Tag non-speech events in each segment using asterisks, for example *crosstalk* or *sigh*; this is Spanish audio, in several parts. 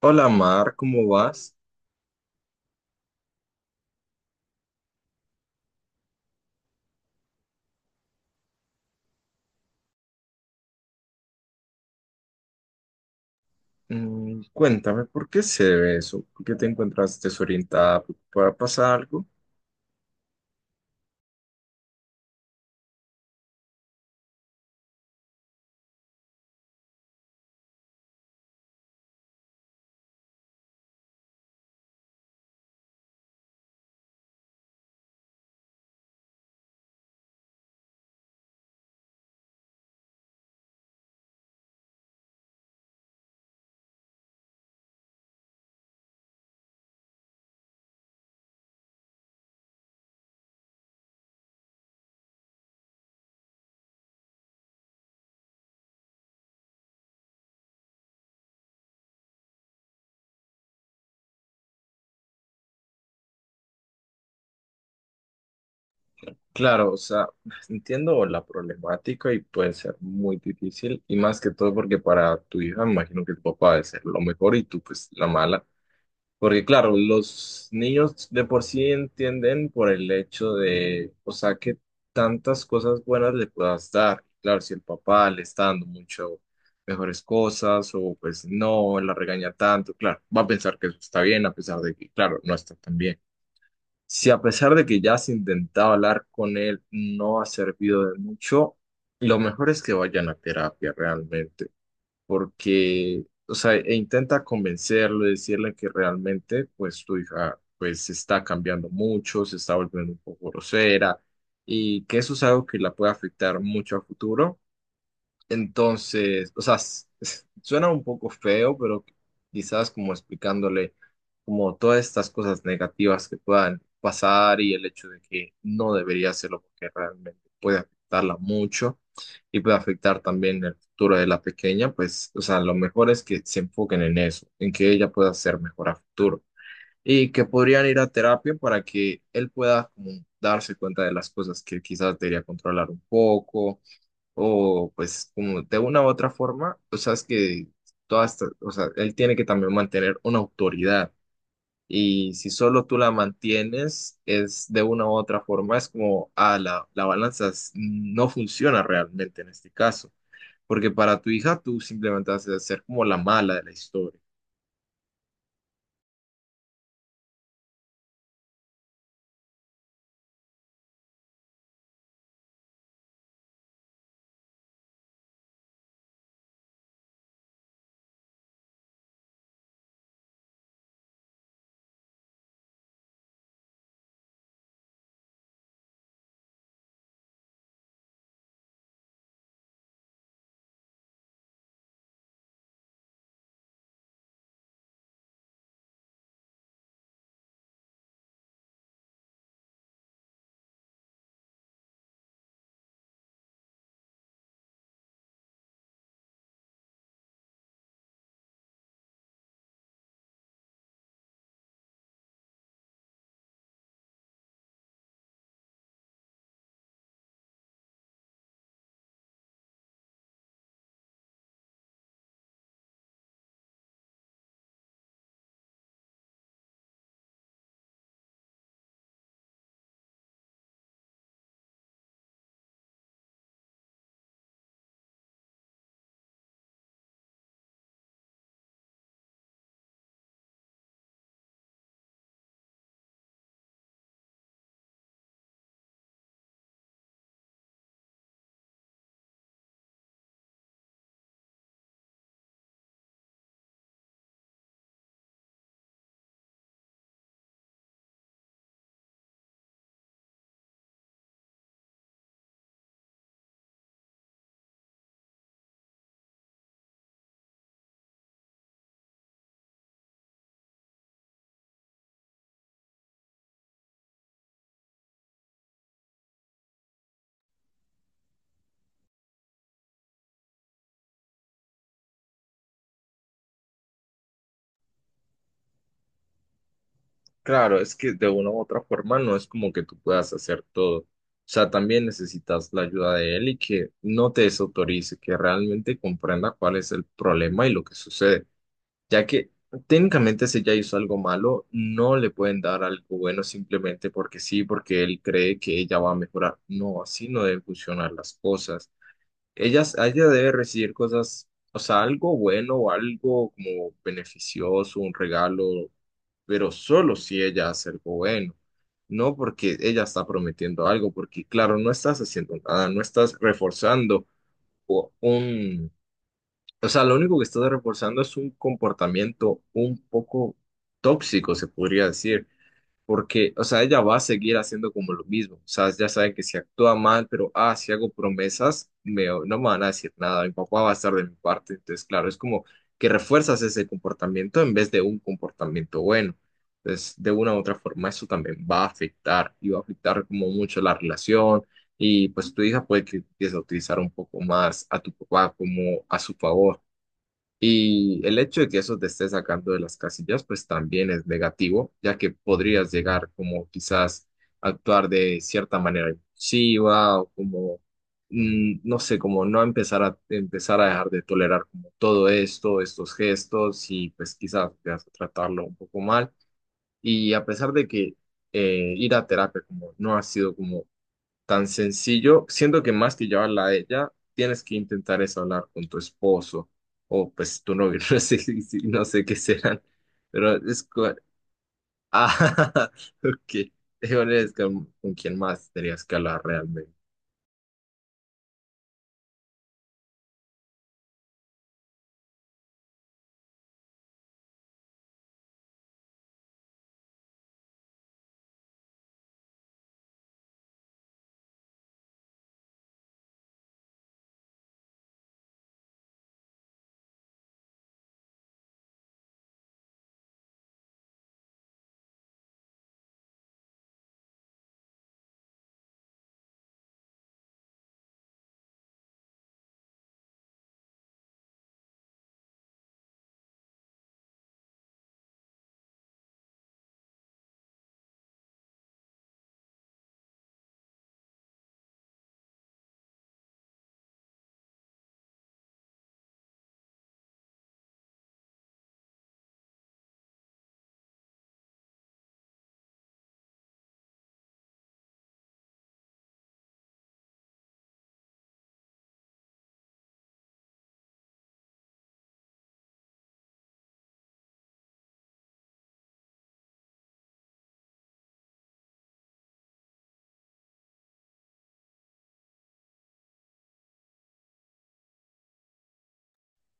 Hola Mar, ¿cómo vas? Cuéntame, ¿por qué se ve eso? ¿Por qué te encuentras desorientada? ¿Para pasar algo? Claro, o sea, *laughs* entiendo la problemática y puede ser muy difícil y más que todo porque para tu hija me imagino que tu papá debe ser lo mejor y tú pues la mala. Porque claro, los niños de por sí entienden por el hecho de, o sea, que tantas cosas buenas le puedas dar. Claro, si el papá le está dando mucho mejores cosas o pues no, la regaña tanto, claro, va a pensar que eso está bien a pesar de que, claro, no está tan bien. Si a pesar de que ya has intentado hablar con él, no ha servido de mucho, lo mejor es que vayan a terapia realmente porque, o sea, e intenta convencerlo, decirle que realmente, pues tu hija, pues se está cambiando mucho, se está volviendo un poco grosera y que eso es algo que la puede afectar mucho a futuro entonces, o sea, suena un poco feo, pero quizás como explicándole como todas estas cosas negativas que puedan pasar y el hecho de que no debería hacerlo porque realmente puede afectarla mucho y puede afectar también el futuro de la pequeña, pues, o sea, lo mejor es que se enfoquen en eso, en que ella pueda ser mejor a futuro y que podrían ir a terapia para que él pueda como darse cuenta de las cosas que quizás debería controlar un poco o pues como de una u otra forma, o sea, es que todas, o sea, él tiene que también mantener una autoridad y si solo tú la mantienes, es de una u otra forma, es como, ah, la balanza no funciona realmente en este caso, porque para tu hija tú simplemente vas a ser como la mala de la historia. Claro, es que de una u otra forma no es como que tú puedas hacer todo. O sea, también necesitas la ayuda de él y que no te desautorice, que realmente comprenda cuál es el problema y lo que sucede. Ya que técnicamente si ella hizo algo malo, no le pueden dar algo bueno simplemente porque sí, porque él cree que ella va a mejorar. No, así no deben funcionar las cosas. Ella debe recibir cosas, o sea, algo bueno o algo como beneficioso, un regalo pero solo si ella hace algo bueno, no porque ella está prometiendo algo, porque claro, no estás haciendo nada, no estás reforzando o- un, o sea, lo único que estás reforzando es un comportamiento un poco tóxico, se podría decir, porque, o sea, ella va a seguir haciendo como lo mismo, o sea, ya sabe que si actúa mal, pero, ah, si hago promesas, no me van a decir nada, mi papá va a estar de mi parte, entonces, claro, es como que refuerzas ese comportamiento en vez de un comportamiento bueno. Entonces, de una u otra forma, eso también va a afectar y va a afectar como mucho la relación y pues tu hija puede que empiece a utilizar un poco más a tu papá como a su favor. Y el hecho de que eso te esté sacando de las casillas, pues también es negativo, ya que podrías llegar como quizás a actuar de cierta manera impulsiva o como, no sé, como no empezar a dejar de tolerar como todo esto, estos gestos y pues quizás te vas a tratarlo un poco mal. Y a pesar de que ir a terapia como no ha sido como tan sencillo, siento que más que llevarla a ella, tienes que intentar es hablar con tu esposo o pues tu novio, *laughs* no sé, no sé qué serán, pero es con... Ah, *laughs* ok, es con quién más tendrías que hablar realmente.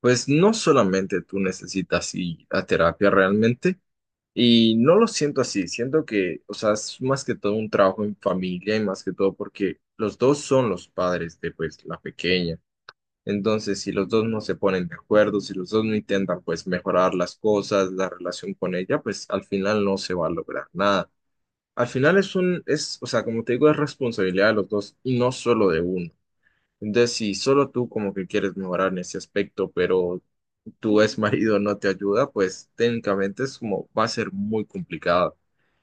Pues no solamente tú necesitas ir a terapia realmente, y no lo siento así, siento que, o sea, es más que todo un trabajo en familia y más que todo porque los dos son los padres de pues la pequeña. Entonces, si los dos no se ponen de acuerdo, si los dos no intentan pues mejorar las cosas, la relación con ella, pues al final no se va a lograr nada. Al final es o sea, como te digo, es responsabilidad de los dos y no solo de uno. Entonces, si solo tú como que quieres mejorar en ese aspecto, pero tu ex marido no te ayuda, pues técnicamente es como va a ser muy complicado,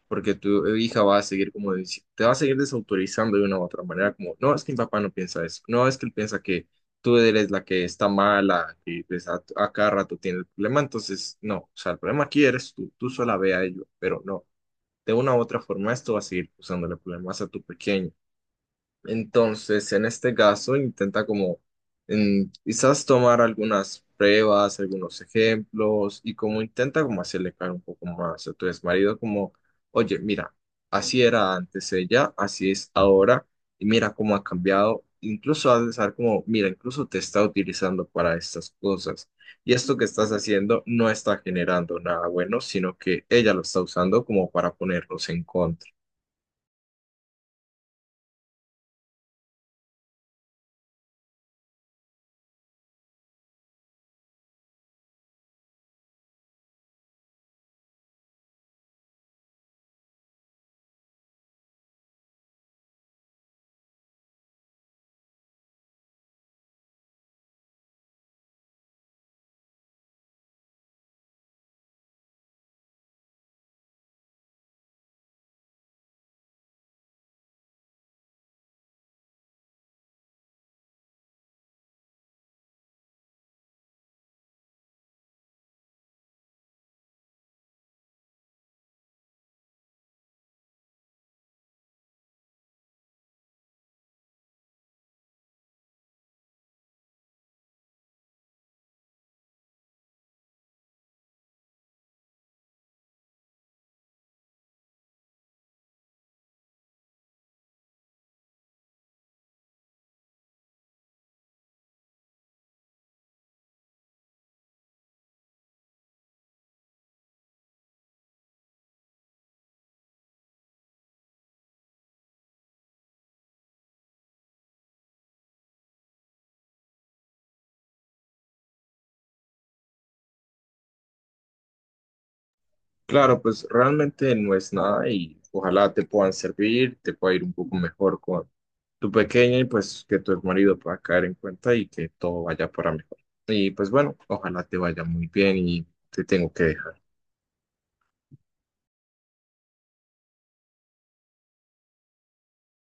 porque tu hija va a seguir como te va a seguir desautorizando de una u otra manera, como, no, es que mi papá no piensa eso, no, es que él piensa que tú eres la que está mala, que pues, a cada rato tiene el problema, entonces, no, o sea, el problema aquí eres tú, tú sola ve a ello, pero no, de una u otra forma esto va a seguir usándole problemas a tu pequeño. Entonces, en este caso, intenta como quizás tomar algunas pruebas, algunos ejemplos y como intenta como hacerle claro un poco más a tu exmarido, como, oye, mira, así era antes ella, así es ahora y mira cómo ha cambiado. Incluso has de saber como, mira, incluso te está utilizando para estas cosas. Y esto que estás haciendo no está generando nada bueno, sino que ella lo está usando como para ponerlos en contra. Claro, pues realmente no es nada y ojalá te puedan servir, te pueda ir un poco mejor con tu pequeña y pues que tu marido pueda caer en cuenta y que todo vaya para mejor. Y pues bueno, ojalá te vaya muy bien y te tengo que dejar.